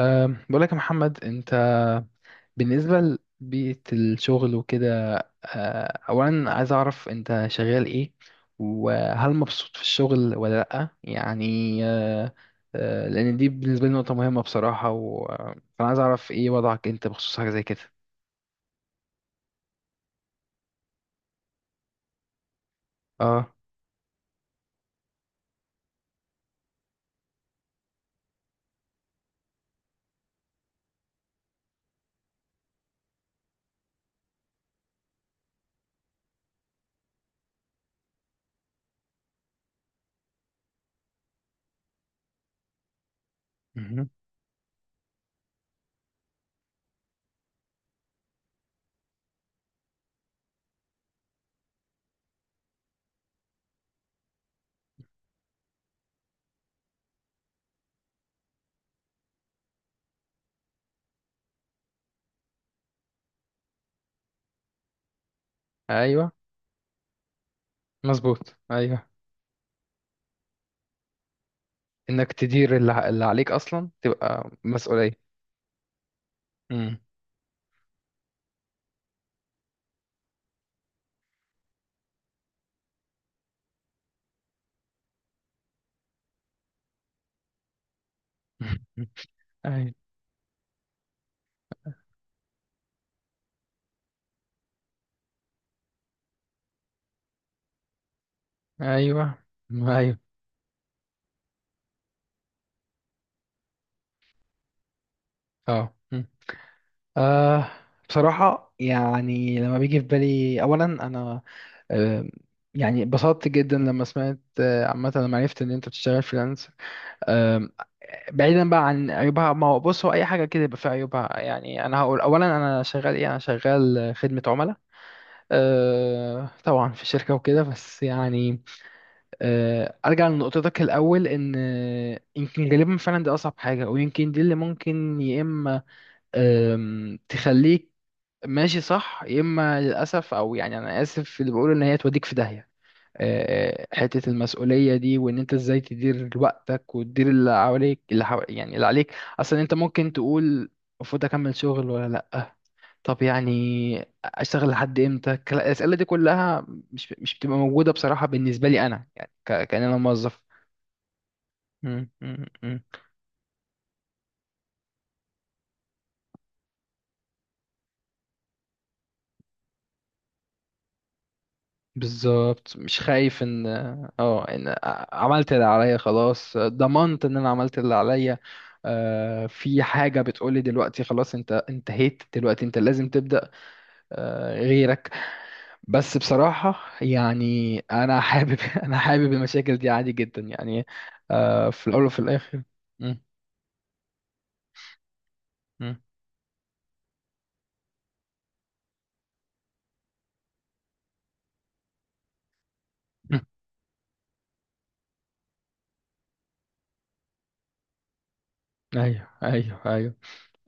بقول لك يا محمد انت بالنسبة لبيئة الشغل وكده. اولا عايز اعرف انت شغال ايه وهل مبسوط في الشغل ولا لأ يعني. أه، أه، لان دي بالنسبة لي نقطة مهمة بصراحة فانا عايز اعرف ايه وضعك انت بخصوص حاجة زي كده. اه، مهم. ايوه، مظبوط ايوه، انك تدير اللي عليك اصلا تبقى مسؤولية. مم. ايوه ايوه ايوه. اه، أه، بصراحة يعني لما بيجي في بالي أولا أنا، أه، يعني اتبسطت جدا لما سمعت، عامة لما عرفت إن أنت بتشتغل فريلانس. أه، بعيدا بقى عن عيوبها، ما هو بص هو أي حاجة كده يبقى فيها عيوبها. يعني أنا هقول أولا أنا شغال إيه، أنا شغال، خدمة عملاء. أه طبعا في شركة وكده بس يعني. أه، أرجع لنقطتك الأول، إن يمكن غالبا فعلا دي أصعب حاجة، ويمكن دي اللي ممكن يا إما، تخليك ماشي صح، يا اما للاسف، او يعني انا اسف في اللي بقوله، ان هي توديك في داهيه. حته المسؤوليه دي، وان انت ازاي تدير وقتك وتدير اللي حواليك اللي حو... يعني اللي عليك اصلا. انت ممكن تقول المفروض اكمل شغل ولا لا، طب يعني اشتغل لحد امتى، الاسئله دي كلها مش بتبقى موجوده بصراحه بالنسبه لي انا، يعني كان انا موظف. بالظبط، مش خايف ان، اه ان عملت اللي عليا خلاص، ضمنت ان انا عملت اللي عليا. في حاجة بتقولي دلوقتي خلاص انت انتهيت، دلوقتي انت لازم تبدأ غيرك. بس بصراحة يعني انا حابب انا حابب المشاكل دي عادي جدا يعني، في الاول وفي الاخر. مم، مم، مم. ايوه ايوه ايوه.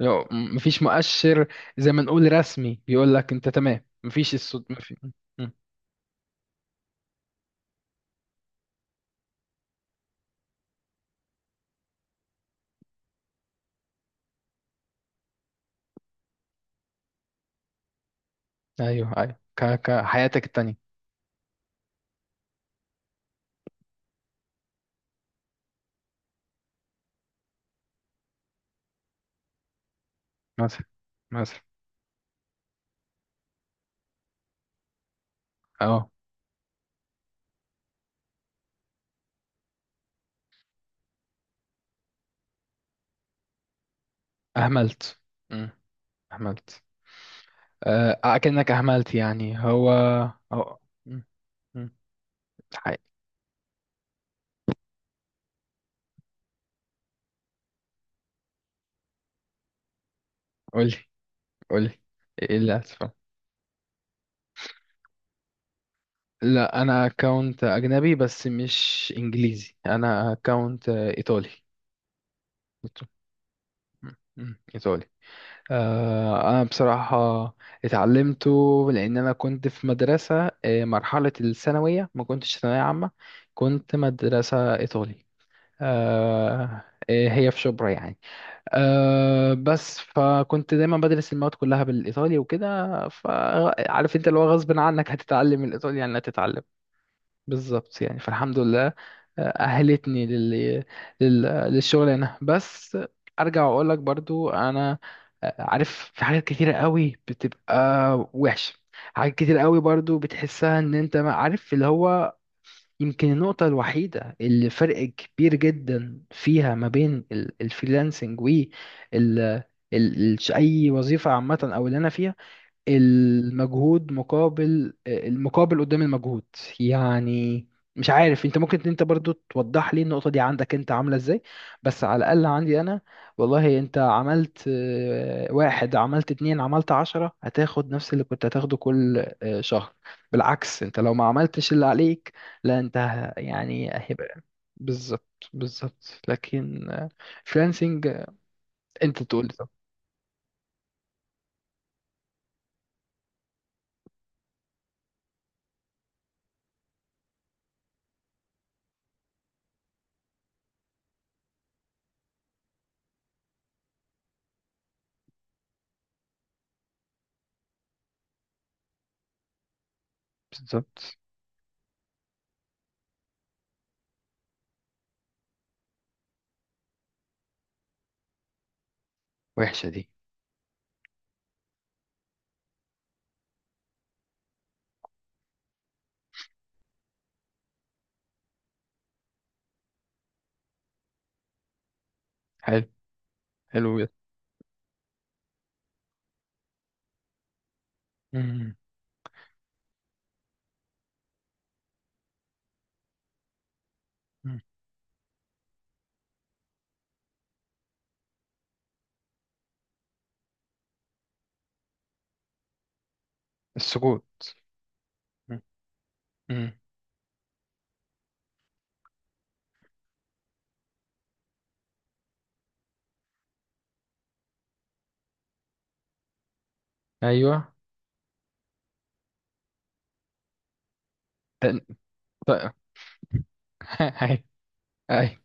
لو مفيش مؤشر زي ما نقول رسمي بيقول لك انت تمام، مفيش الصوت مفيش. ايوه ايوه، كحياتك التانية. مثلا، مثلا. اه، اهملت. مم. اهملت، اكنك اهملت يعني هو. أو... مم. مم. حي- قولي، قولي، ايه اللي اسفه. لا انا اكونت اجنبي بس مش انجليزي، انا اكونت ايطالي. إيط- مم. مم. ايطالي. آه، أنا بصراحة اتعلمته لأن أنا كنت في مدرسة، مرحلة الثانوية ما كنتش ثانوية عامة، كنت مدرسة إيطالي. آه، آه، هي في شبرا يعني. آه، بس فكنت دايما بدرس المواد كلها بالإيطالي وكده، فعارف أنت اللي هو غصب عنك هتتعلم الإيطالي، يعني هتتعلم. بالظبط يعني، فالحمد لله، أهلتني للشغل هنا. بس أرجع وأقول لك برضو أنا، عارف في حاجات كتيرة قوي بتبقى وحشة، حاجات كتير قوي برضو بتحسها إن أنت ما عارف اللي هو. يمكن النقطة الوحيدة اللي فرق كبير جدا فيها ما بين الفريلانسنج و ال... أي وظيفة عامة أو اللي أنا فيها، المجهود مقابل، المقابل قدام المجهود يعني. مش عارف انت ممكن انت برضو توضح لي النقطة دي، عندك انت عاملة ازاي، بس على الأقل عندي انا، والله انت عملت واحد، عملت اتنين، عملت عشرة، هتاخد نفس اللي كنت هتاخده كل شهر. بالعكس انت لو ما عملتش اللي عليك، لا انت يعني هيبقى. بالظبط بالظبط، لكن فريلانسنج، آه، انت تقول لي طب. بالظبط، وحشة دي. حلو، حلو جدا. مم. السكوت. مم. مم. ايوه. ده-، ده-، ايوه. ايوه.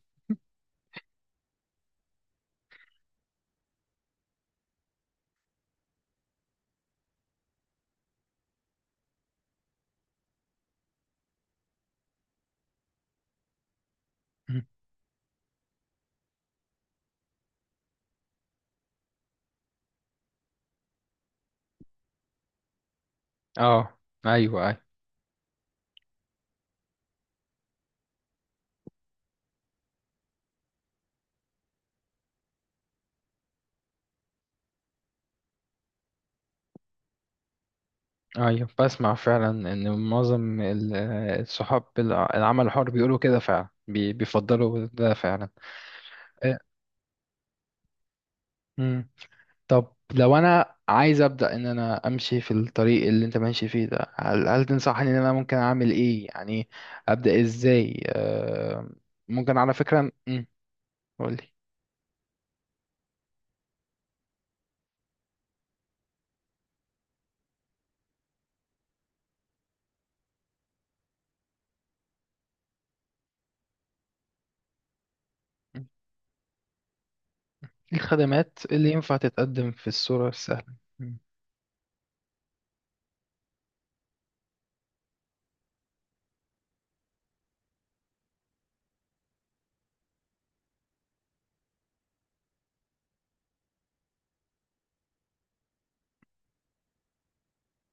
مم. اه. ايوه ايوه ايوه، بسمع فعلا ان معظم الصحاب العمل الحر بيقولوا كده فعلا، بيفضلوا ده فعلا. إيه. مم. طب لو انا عايز ابدا ان انا امشي في الطريق اللي انت ماشي فيه ده، هل، هل تنصحني ان انا ممكن اعمل ايه يعني، ابدا ازاي؟ ممكن على فكره. مم. قولي. الخدمات اللي ينفع تتقدم في الصورة السهلة. مم.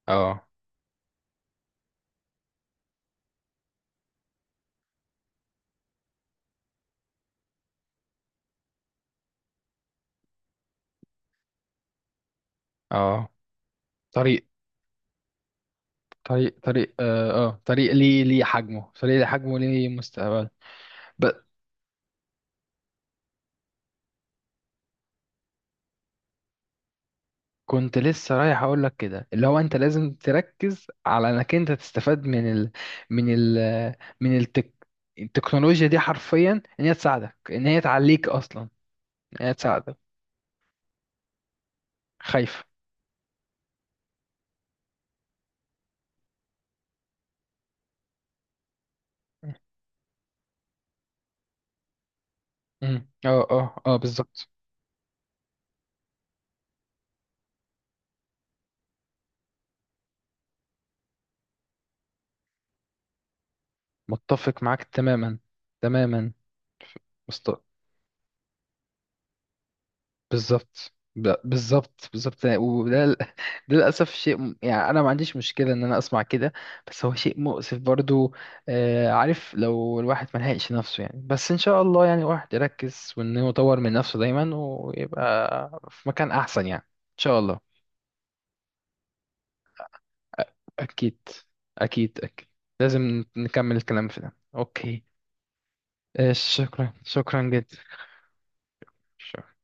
اه اه. طريق، طريق، طريق، اه، طريق ليه، ليه حجمه، طريق ليه حجمه، ليه مستقبل. ب... كنت لسه رايح اقول لك كده، اللي هو انت لازم تركز على انك انت تستفاد من من ال... من التك... التكنولوجيا دي حرفيا، ان هي تساعدك، ان هي تعليك اصلا، ان هي تساعدك. خايف. مم. اه اه اه، بالظبط، متفق معاك تماما، تماما. بالظبط، بالظبط بالظبط يعني، وده ده للأسف شيء يعني أنا ما عنديش مشكلة إن أنا أسمع كده، بس هو شيء مؤسف برضو. عارف لو الواحد ما لحقش نفسه يعني، بس إن شاء الله يعني الواحد يركز وإن هو يطور من نفسه دايما، ويبقى في مكان أحسن يعني إن شاء الله. أكيد، أكيد أكيد، لازم نكمل الكلام في ده. أوكي، شكرا، شكرا جدا.